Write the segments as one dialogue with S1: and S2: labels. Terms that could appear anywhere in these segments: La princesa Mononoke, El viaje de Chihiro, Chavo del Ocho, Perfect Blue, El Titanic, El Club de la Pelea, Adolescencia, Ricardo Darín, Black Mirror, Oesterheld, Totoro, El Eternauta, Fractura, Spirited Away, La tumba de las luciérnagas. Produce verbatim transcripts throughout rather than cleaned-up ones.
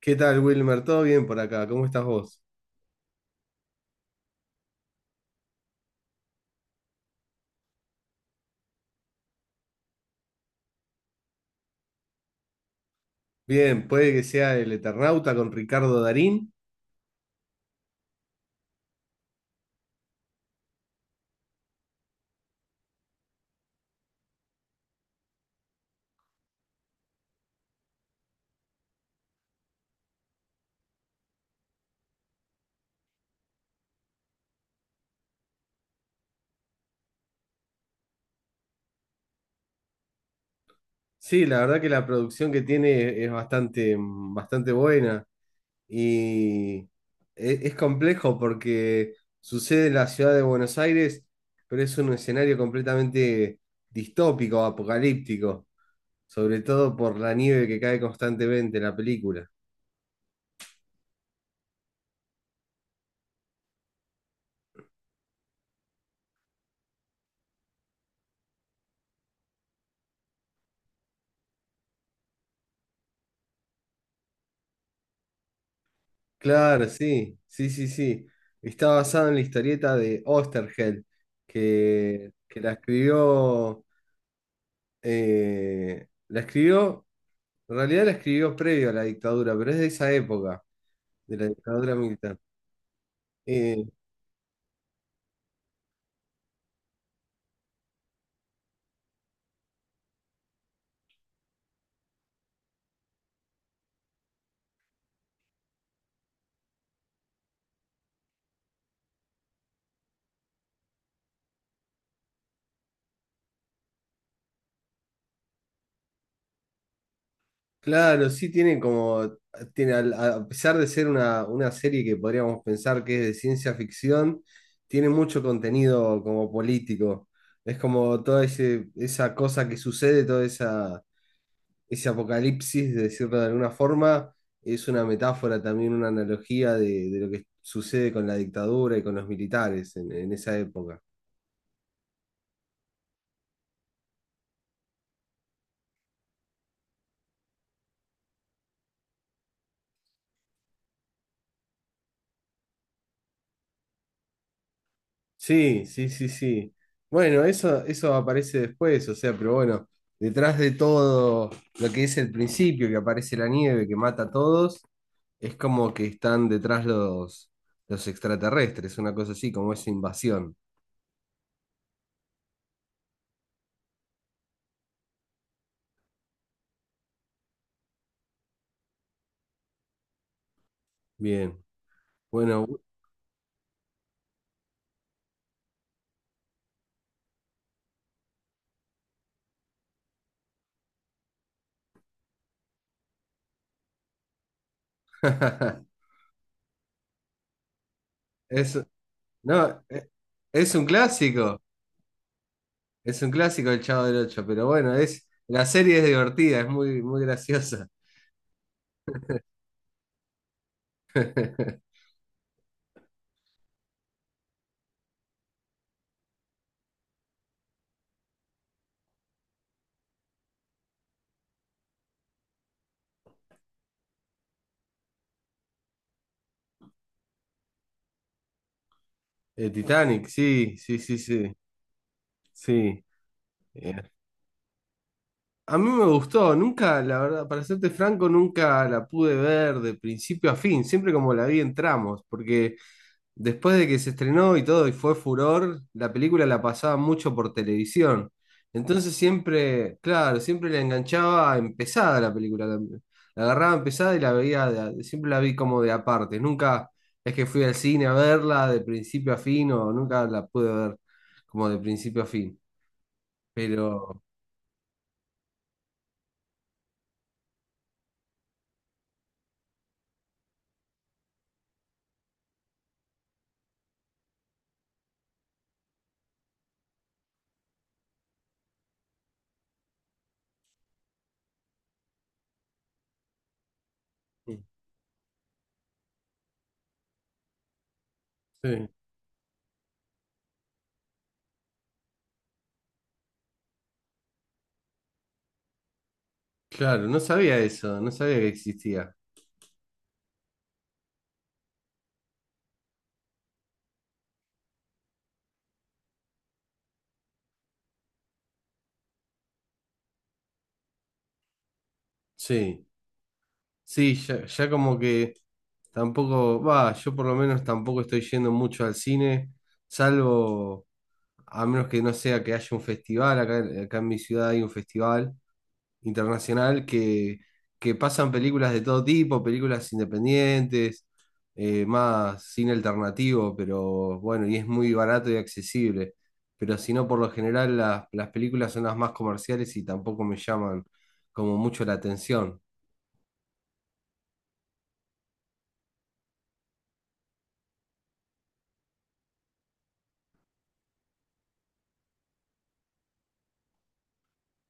S1: ¿Qué tal, Wilmer? ¿Todo bien por acá? ¿Cómo estás vos? Bien, puede que sea El Eternauta con Ricardo Darín. Sí, la verdad que la producción que tiene es bastante, bastante buena y e- es complejo porque sucede en la ciudad de Buenos Aires, pero es un escenario completamente distópico, apocalíptico, sobre todo por la nieve que cae constantemente en la película. Claro, sí, sí, sí, sí. Está basado en la historieta de Oesterheld, que, que la escribió, eh, la escribió, en realidad la escribió previo a la dictadura, pero es de esa época, de la dictadura militar. Eh, claro, sí tiene como, tiene, al- a, pesar de ser una, una serie que podríamos pensar que es de ciencia ficción, tiene mucho contenido como político. Es como toda ese, esa cosa que sucede, toda esa ese apocalipsis, de decirlo de alguna forma, es una metáfora también, una analogía de, de lo que sucede con la dictadura y con los militares en, en esa época. Sí, sí, sí, sí. Bueno, eso, eso aparece después, o sea, pero bueno, detrás de todo lo que es el principio, que aparece la nieve, que mata a todos, es como que están detrás los, los extraterrestres, una cosa así, como esa invasión. Bien, bueno, es, no, e- es un clásico. Es un clásico el Chavo del Ocho, pero bueno, es, la serie es divertida, es muy, muy graciosa. El Titanic, sí, sí, sí, sí, sí. Eh, a mí me gustó, nunca, la verdad, para serte franco, nunca la pude ver de principio a fin, siempre como la vi en tramos, porque después de que se estrenó y todo y fue furor, la película la pasaba mucho por televisión. Entonces siempre, claro, siempre la enganchaba empezada la película. La, la agarraba empezada y la veía, de a- siempre la vi como de aparte. Nunca es que fui al cine a verla de principio a fin o nunca la pude ver como de principio a fin. Pero, sí, claro, no sabía eso, no sabía que existía. Sí. Sí, ya, ya como que tampoco, va, yo por lo menos tampoco estoy yendo mucho al cine, salvo, a menos que no sea que haya un festival, acá, acá en mi ciudad hay un festival internacional que, que pasan películas de todo tipo, películas independientes, eh, más cine alternativo, pero bueno, y es muy barato y accesible. Pero si no, por lo general las, las películas son las más comerciales y tampoco me llaman como mucho la atención.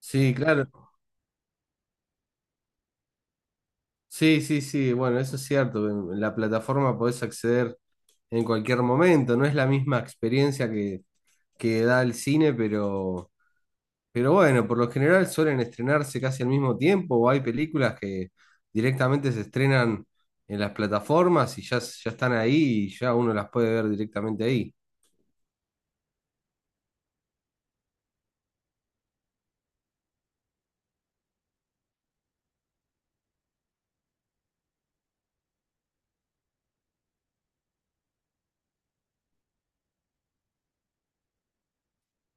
S1: Sí, claro. Sí, sí, sí, bueno, eso es cierto. En la plataforma podés acceder en cualquier momento. No es la misma experiencia que, que da el cine, pero, pero bueno, por lo general suelen estrenarse casi al mismo tiempo o hay películas que directamente se estrenan en las plataformas y ya, ya están ahí y ya uno las puede ver directamente ahí.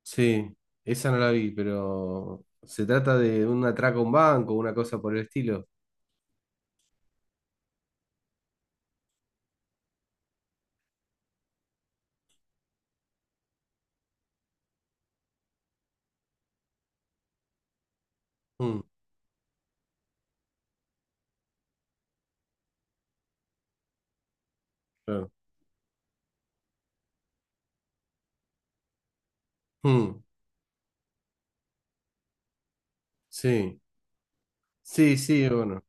S1: Sí, esa no la vi, pero se trata de un atraco a un banco, una cosa por el estilo. Mm, claro. Mm, sí, sí, sí, bueno.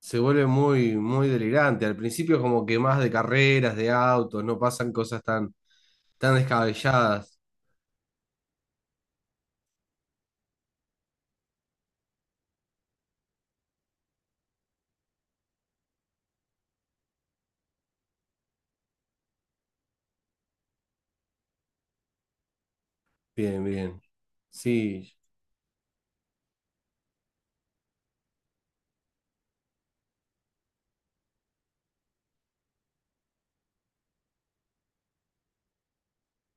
S1: Se vuelve muy, muy delirante. Al principio es como que más de carreras, de autos, no pasan cosas tan, tan descabelladas. Bien, bien. Sí,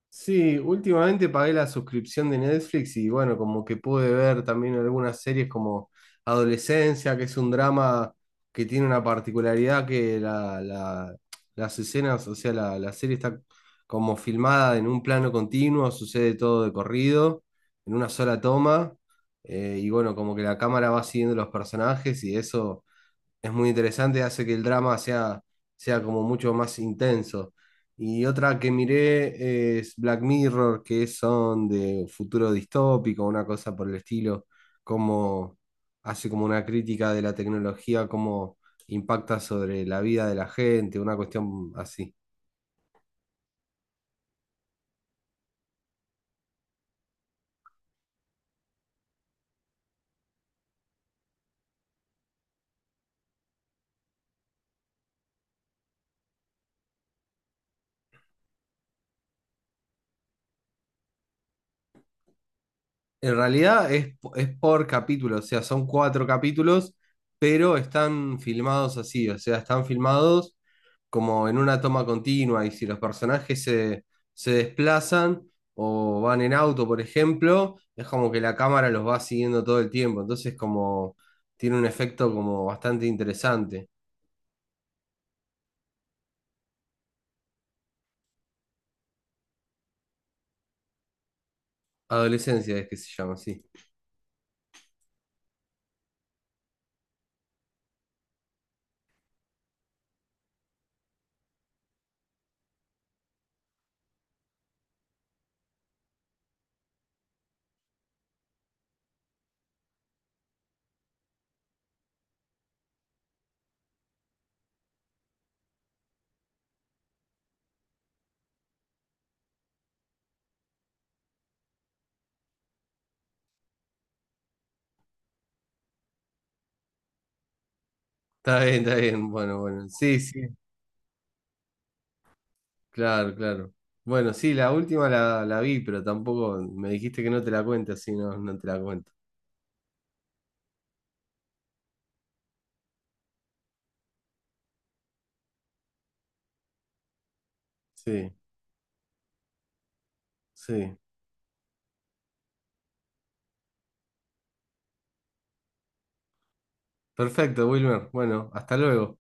S1: sí, últimamente pagué la suscripción de Netflix y bueno, como que pude ver también algunas series como Adolescencia, que es un drama que tiene una particularidad que la, la- las escenas, o sea, la, la serie está como filmada en un plano continuo, sucede todo de corrido, en una sola toma, eh, y bueno, como que la cámara va siguiendo los personajes y eso es muy interesante, hace que el drama sea, sea como mucho más intenso. Y otra que miré es Black Mirror, que son de futuro distópico, una cosa por el estilo, como hace como una crítica de la tecnología, cómo impacta sobre la vida de la gente, una cuestión así. En realidad es, es por capítulo, o sea, son cuatro capítulos, pero están filmados así, o sea, están filmados como en una toma continua y si los personajes se, se desplazan o van en auto, por ejemplo, es como que la cámara los va siguiendo todo el tiempo, entonces como tiene un efecto como bastante interesante. Adolescencia es que se llama, sí. Está bien, está bien, bueno, bueno, sí, sí, claro, claro. Bueno, sí, la última la, la vi, pero tampoco me dijiste que no te la cuente, así no, no te la cuento. Sí, sí. Perfecto, Wilmer. Bueno, hasta luego.